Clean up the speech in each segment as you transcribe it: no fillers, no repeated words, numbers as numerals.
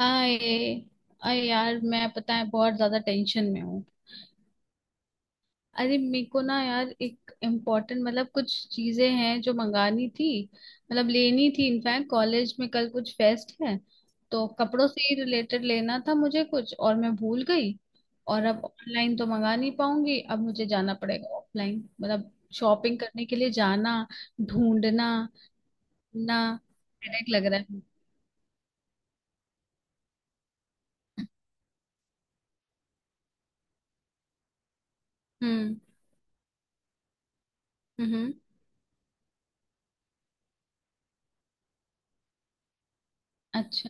आए। यार मैं पता है बहुत ज्यादा टेंशन में हूँ। अरे मेरे को ना यार एक इम्पोर्टेंट मतलब कुछ चीजें हैं जो मंगानी थी, मतलब लेनी थी। इनफैक्ट कॉलेज में कल कुछ फेस्ट है, तो कपड़ों से ही रिलेटेड लेना था मुझे कुछ और मैं भूल गई। और अब ऑनलाइन तो मंगा नहीं पाऊंगी, अब मुझे जाना पड़ेगा ऑफलाइन, मतलब शॉपिंग करने के लिए जाना, ढूंढना ना। हेडेक लग रहा है। हम्म। हम्म। अच्छा।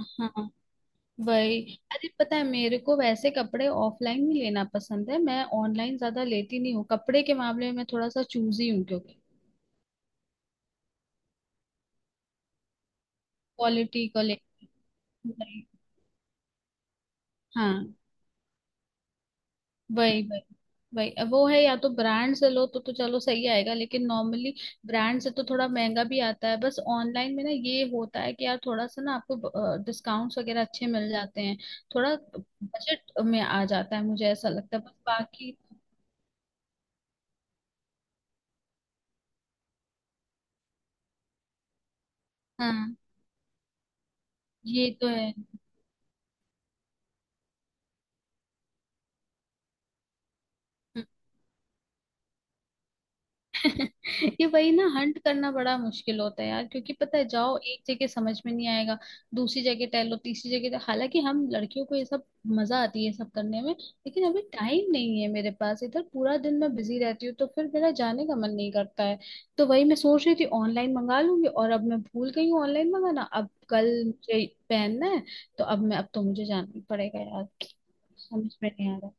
हाँ, वही। अरे पता है मेरे को वैसे कपड़े ऑफलाइन नहीं लेना पसंद है, मैं ऑनलाइन ज्यादा लेती नहीं हूँ कपड़े के मामले में। मैं थोड़ा सा चूजी हूँ क्योंकि क्वालिटी को ले। वही। हाँ। वही वही। वही अब वो है, या तो ब्रांड से लो तो चलो सही आएगा, लेकिन नॉर्मली ब्रांड से तो थोड़ा महंगा भी आता है। बस ऑनलाइन में ना ये होता है कि यार थोड़ा सा ना आपको डिस्काउंट्स वगैरह अच्छे मिल जाते हैं, थोड़ा बजट में आ जाता है, मुझे ऐसा लगता है, बस बाकी। हाँ, ये तो है। ये वही ना, हंट करना बड़ा मुश्किल होता है यार, क्योंकि पता है जाओ एक जगह समझ में नहीं आएगा, दूसरी जगह टहलो, तीसरी जगह टहलो। हालांकि हम लड़कियों को ये सब मजा आती है, ये सब करने में, लेकिन अभी टाइम नहीं है मेरे पास। इधर पूरा दिन मैं बिजी रहती हूँ, तो फिर मेरा जाने का मन नहीं करता है। तो वही मैं सोच रही थी ऑनलाइन मंगा लूंगी, और अब मैं भूल गई हूँ ऑनलाइन मंगाना, अब कल मुझे पहनना है। तो अब मैं, अब तो मुझे जाना ही पड़ेगा यार। समझ में नहीं आ रहा।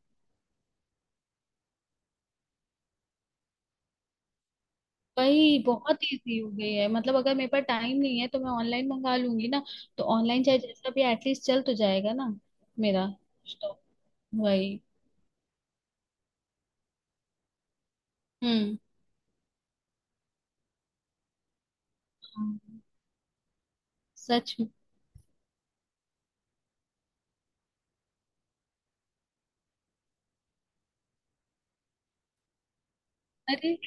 वही, बहुत इजी हो गई है। मतलब अगर मेरे पास टाइम नहीं है तो मैं ऑनलाइन मंगा लूंगी ना, तो ऑनलाइन चाहे जैसा भी, एटलीस्ट चल तो जाएगा ना मेरा कुछ तो। वही। हम्म। हाँ। सच में। अरे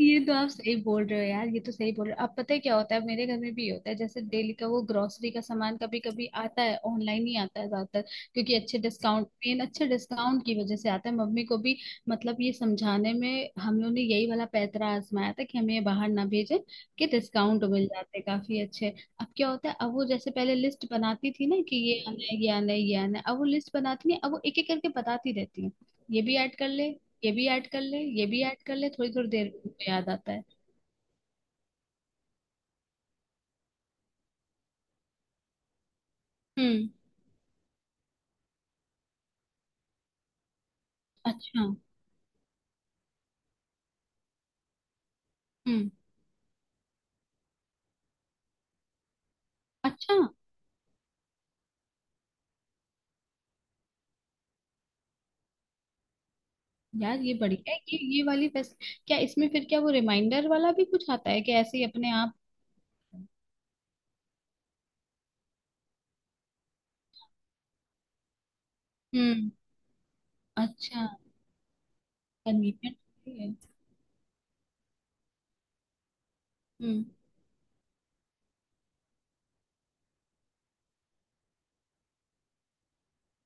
ये तो आप सही बोल रहे हो यार, ये तो सही बोल रहे हो। अब पता है क्या होता है, मेरे घर में भी ये होता है। जैसे डेली का वो ग्रोसरी का सामान कभी कभी आता है, ऑनलाइन ही आता है ज्यादातर, क्योंकि अच्छे डिस्काउंट की वजह से आता है। मम्मी को भी, मतलब ये समझाने में हम लोगों ने यही वाला पैंतरा आजमाया था कि हमें ये बाहर ना भेजे, कि डिस्काउंट मिल जाते काफी अच्छे। अब क्या होता है, अब वो जैसे पहले लिस्ट बनाती थी ना कि ये आना है, ये आना है, ये आना है। अब वो लिस्ट बनाती है, अब वो एक एक करके बताती रहती है, ये भी ऐड कर ले, ये भी ऐड कर ले, ये भी ऐड कर ले। थोड़ी थोड़ी देर में उनको याद आता है। हम्म। अच्छा। हम्म। अच्छा। यार ये बढ़िया है कि ये वाली फैस, क्या इसमें फिर क्या वो रिमाइंडर वाला भी कुछ आता है कि ऐसे ही अपने आप? हम्म। अच्छा। कन्वीनियंट है। हम्म।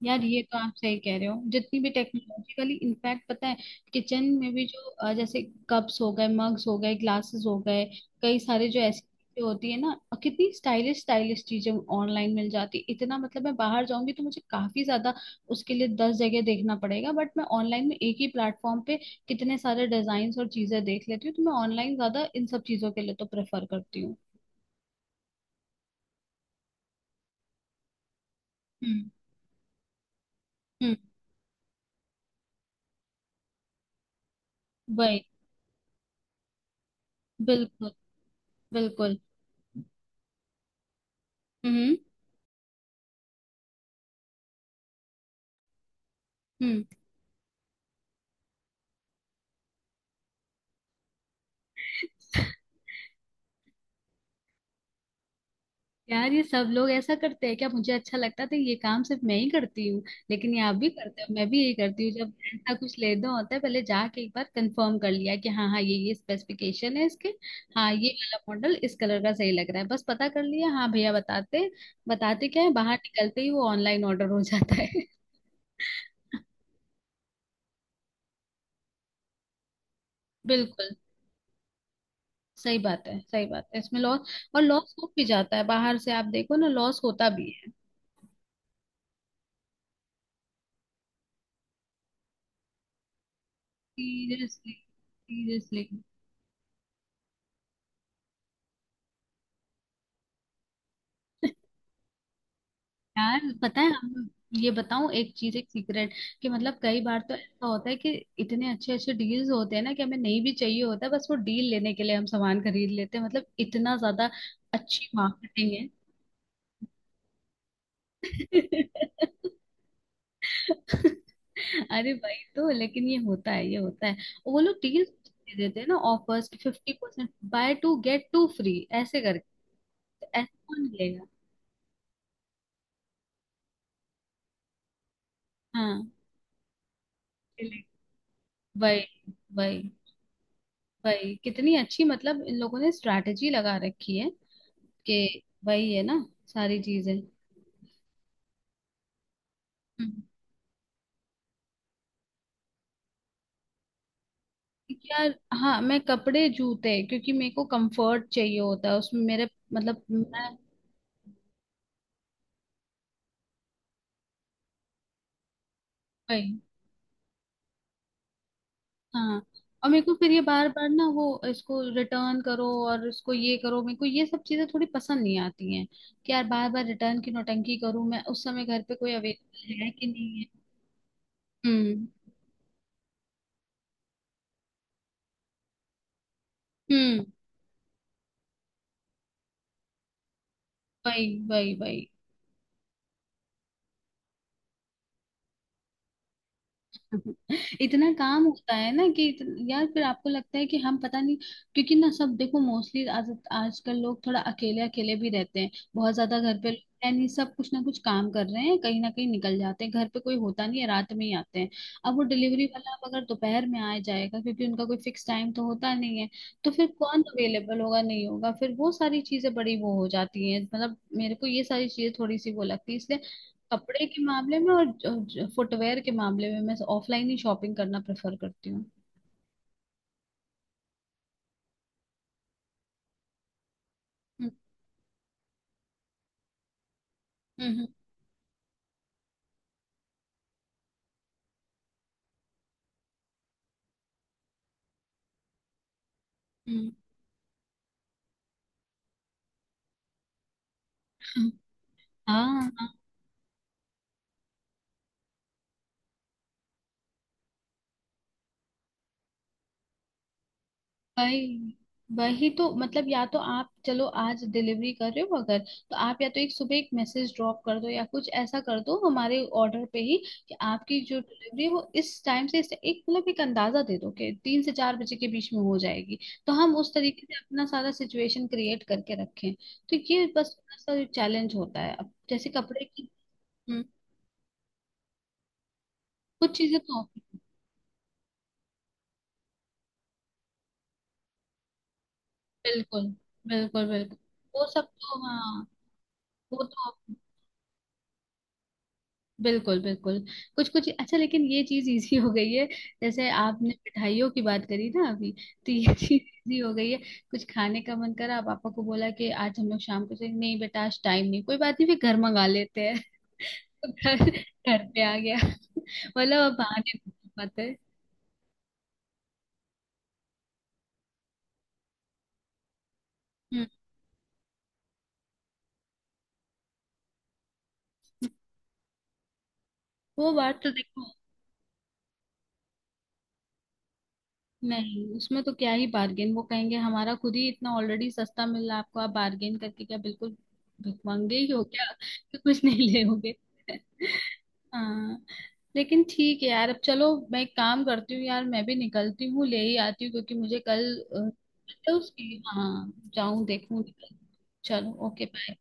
यार ये तो आप सही कह रहे हो, जितनी भी टेक्नोलॉजिकली, इनफैक्ट पता है किचन में भी जो जैसे कप्स हो गए, मग्स हो गए, ग्लासेस हो गए, कई सारे जो ऐसी चीजें होती है ना, कितनी स्टाइलिश स्टाइलिश चीजें ऑनलाइन मिल जाती है। इतना मतलब मैं बाहर जाऊंगी तो मुझे काफी ज्यादा, उसके लिए दस जगह देखना पड़ेगा, बट मैं ऑनलाइन में एक ही प्लेटफॉर्म पे कितने सारे डिजाइन और चीजें देख लेती हूँ। तो मैं ऑनलाइन ज्यादा इन सब चीजों के लिए तो प्रेफर करती हूँ। हम्म। हम्म। वही। बिल्कुल। बिल्कुल। हम्म। हम्म। यार ये सब लोग ऐसा करते हैं क्या? मुझे अच्छा लगता था ये काम सिर्फ मैं ही करती हूँ, लेकिन ये आप भी करते हो, मैं भी यही करती हूँ। जब ऐसा कुछ लेना होता है पहले जाके एक बार कंफर्म कर लिया कि हाँ हाँ ये स्पेसिफिकेशन है इसके, हाँ ये वाला मॉडल इस कलर का सही लग रहा है। बस पता कर लिया, हाँ भैया बताते बताते क्या है, बाहर निकलते ही वो ऑनलाइन ऑर्डर हो जाता है। बिल्कुल। सही बात है, सही बात है। इसमें लॉस, और लॉस हो भी जाता है बाहर से, आप देखो ना, लॉस होता भी है। सीरियसली। सीरियसली। यार पता है हम, ये बताऊं एक चीज, एक सीक्रेट, कि मतलब कई बार तो ऐसा होता है कि इतने अच्छे अच्छे डील्स होते हैं ना कि हमें नहीं भी चाहिए होता है, बस वो डील लेने के लिए हम सामान खरीद लेते हैं, मतलब इतना ज्यादा अच्छी मार्केटिंग है। अरे भाई, तो लेकिन ये होता है, ये होता है। और वो लोग डील्स दे देते हैं ना ऑफर्स की, fifty percent, buy two get two free, ऐसे करके तो ऐसे कौन लेगा? हाँ। वही वही। भाई कितनी अच्छी, मतलब इन लोगों ने स्ट्रैटेजी लगा रखी है, कि वही है ना सारी चीजें। हम्म। यार, हाँ मैं कपड़े जूते, क्योंकि मेरे को कंफर्ट चाहिए होता है उसमें। मेरे मतलब मैं, भाई, हाँ। और मेरे को फिर ये बार बार ना वो, इसको रिटर्न करो और इसको ये करो, मेरे को ये सब चीजें थोड़ी पसंद नहीं आती हैं, कि यार बार बार रिटर्न की नौटंकी करूं, मैं उस समय घर पे कोई अवेलेबल है कि नहीं है। हम्म। हम्म। भाई भाई भाई। इतना काम होता है ना कि इत- यार फिर आपको लगता है कि हम पता नहीं। क्योंकि ना सब देखो, मोस्टली आज आजकल लोग थोड़ा अकेले अकेले भी रहते हैं, बहुत ज्यादा घर पे लोग हैं नहीं, सब कुछ ना कुछ काम कर रहे हैं, कहीं ना कहीं निकल जाते हैं, घर पे कोई होता नहीं है, रात में ही आते हैं। अब वो डिलीवरी वाला अब अगर दोपहर में आ जाएगा, क्योंकि उनका कोई फिक्स टाइम तो होता नहीं है, तो फिर कौन अवेलेबल होगा, नहीं होगा, फिर वो सारी चीजें बड़ी वो हो जाती हैं। मतलब मेरे को ये सारी चीजें थोड़ी सी वो लगती है, इसलिए कपड़े के मामले में और फुटवेयर के मामले में मैं ऑफलाइन ही शॉपिंग करना प्रेफर करती हूँ। हम्म। हम्म। हम्म। हम्म। हाँ। वही। वही तो मतलब, या तो आप चलो आज डिलीवरी कर रहे हो, अगर तो आप या तो एक सुबह एक मैसेज ड्रॉप कर दो या कुछ ऐसा कर दो हमारे ऑर्डर पे ही, कि आपकी जो डिलीवरी है वो इस टाइम से इस, एक मतलब एक अंदाजा दे दो कि तीन से चार बजे के बीच में हो जाएगी, तो हम उस तरीके से अपना सारा सिचुएशन क्रिएट करके रखें। तो ये बस थोड़ा सा चैलेंज होता है। अब जैसे कपड़े की, हम्म, कुछ चीजें तो। बिल्कुल। बिल्कुल बिल्कुल। वो सब तो हाँ। वो तो बिल्कुल बिल्कुल। कुछ कुछ अच्छा, लेकिन ये चीज इजी हो गई है। जैसे आपने मिठाइयों की बात करी ना अभी, तो ये चीज इजी हो गई है। कुछ खाने का मन करा, पापा को बोला कि आज हम लोग शाम को, से नहीं बेटा आज टाइम नहीं, कोई बात नहीं फिर घर मंगा लेते हैं। घर घर पे आ गया, मतलब अब बहाने नहीं बन पाते। हम्म। वो बात तो देखो, नहीं उसमें तो क्या ही बार्गेन, वो कहेंगे हमारा खुद ही इतना ऑलरेडी सस्ता मिल रहा है आपको, आप बार्गेन करके क्या बिल्कुल भिखमंगे ही हो क्या? तो कुछ नहीं लेोगे। हाँ। लेकिन ठीक है यार, अब चलो मैं एक काम करती हूँ यार, मैं भी निकलती हूँ, ले ही आती हूँ, क्योंकि मुझे कल, अ, तो उसकी, हाँ जाऊँ देखूँ। चलो, ओके, बाय।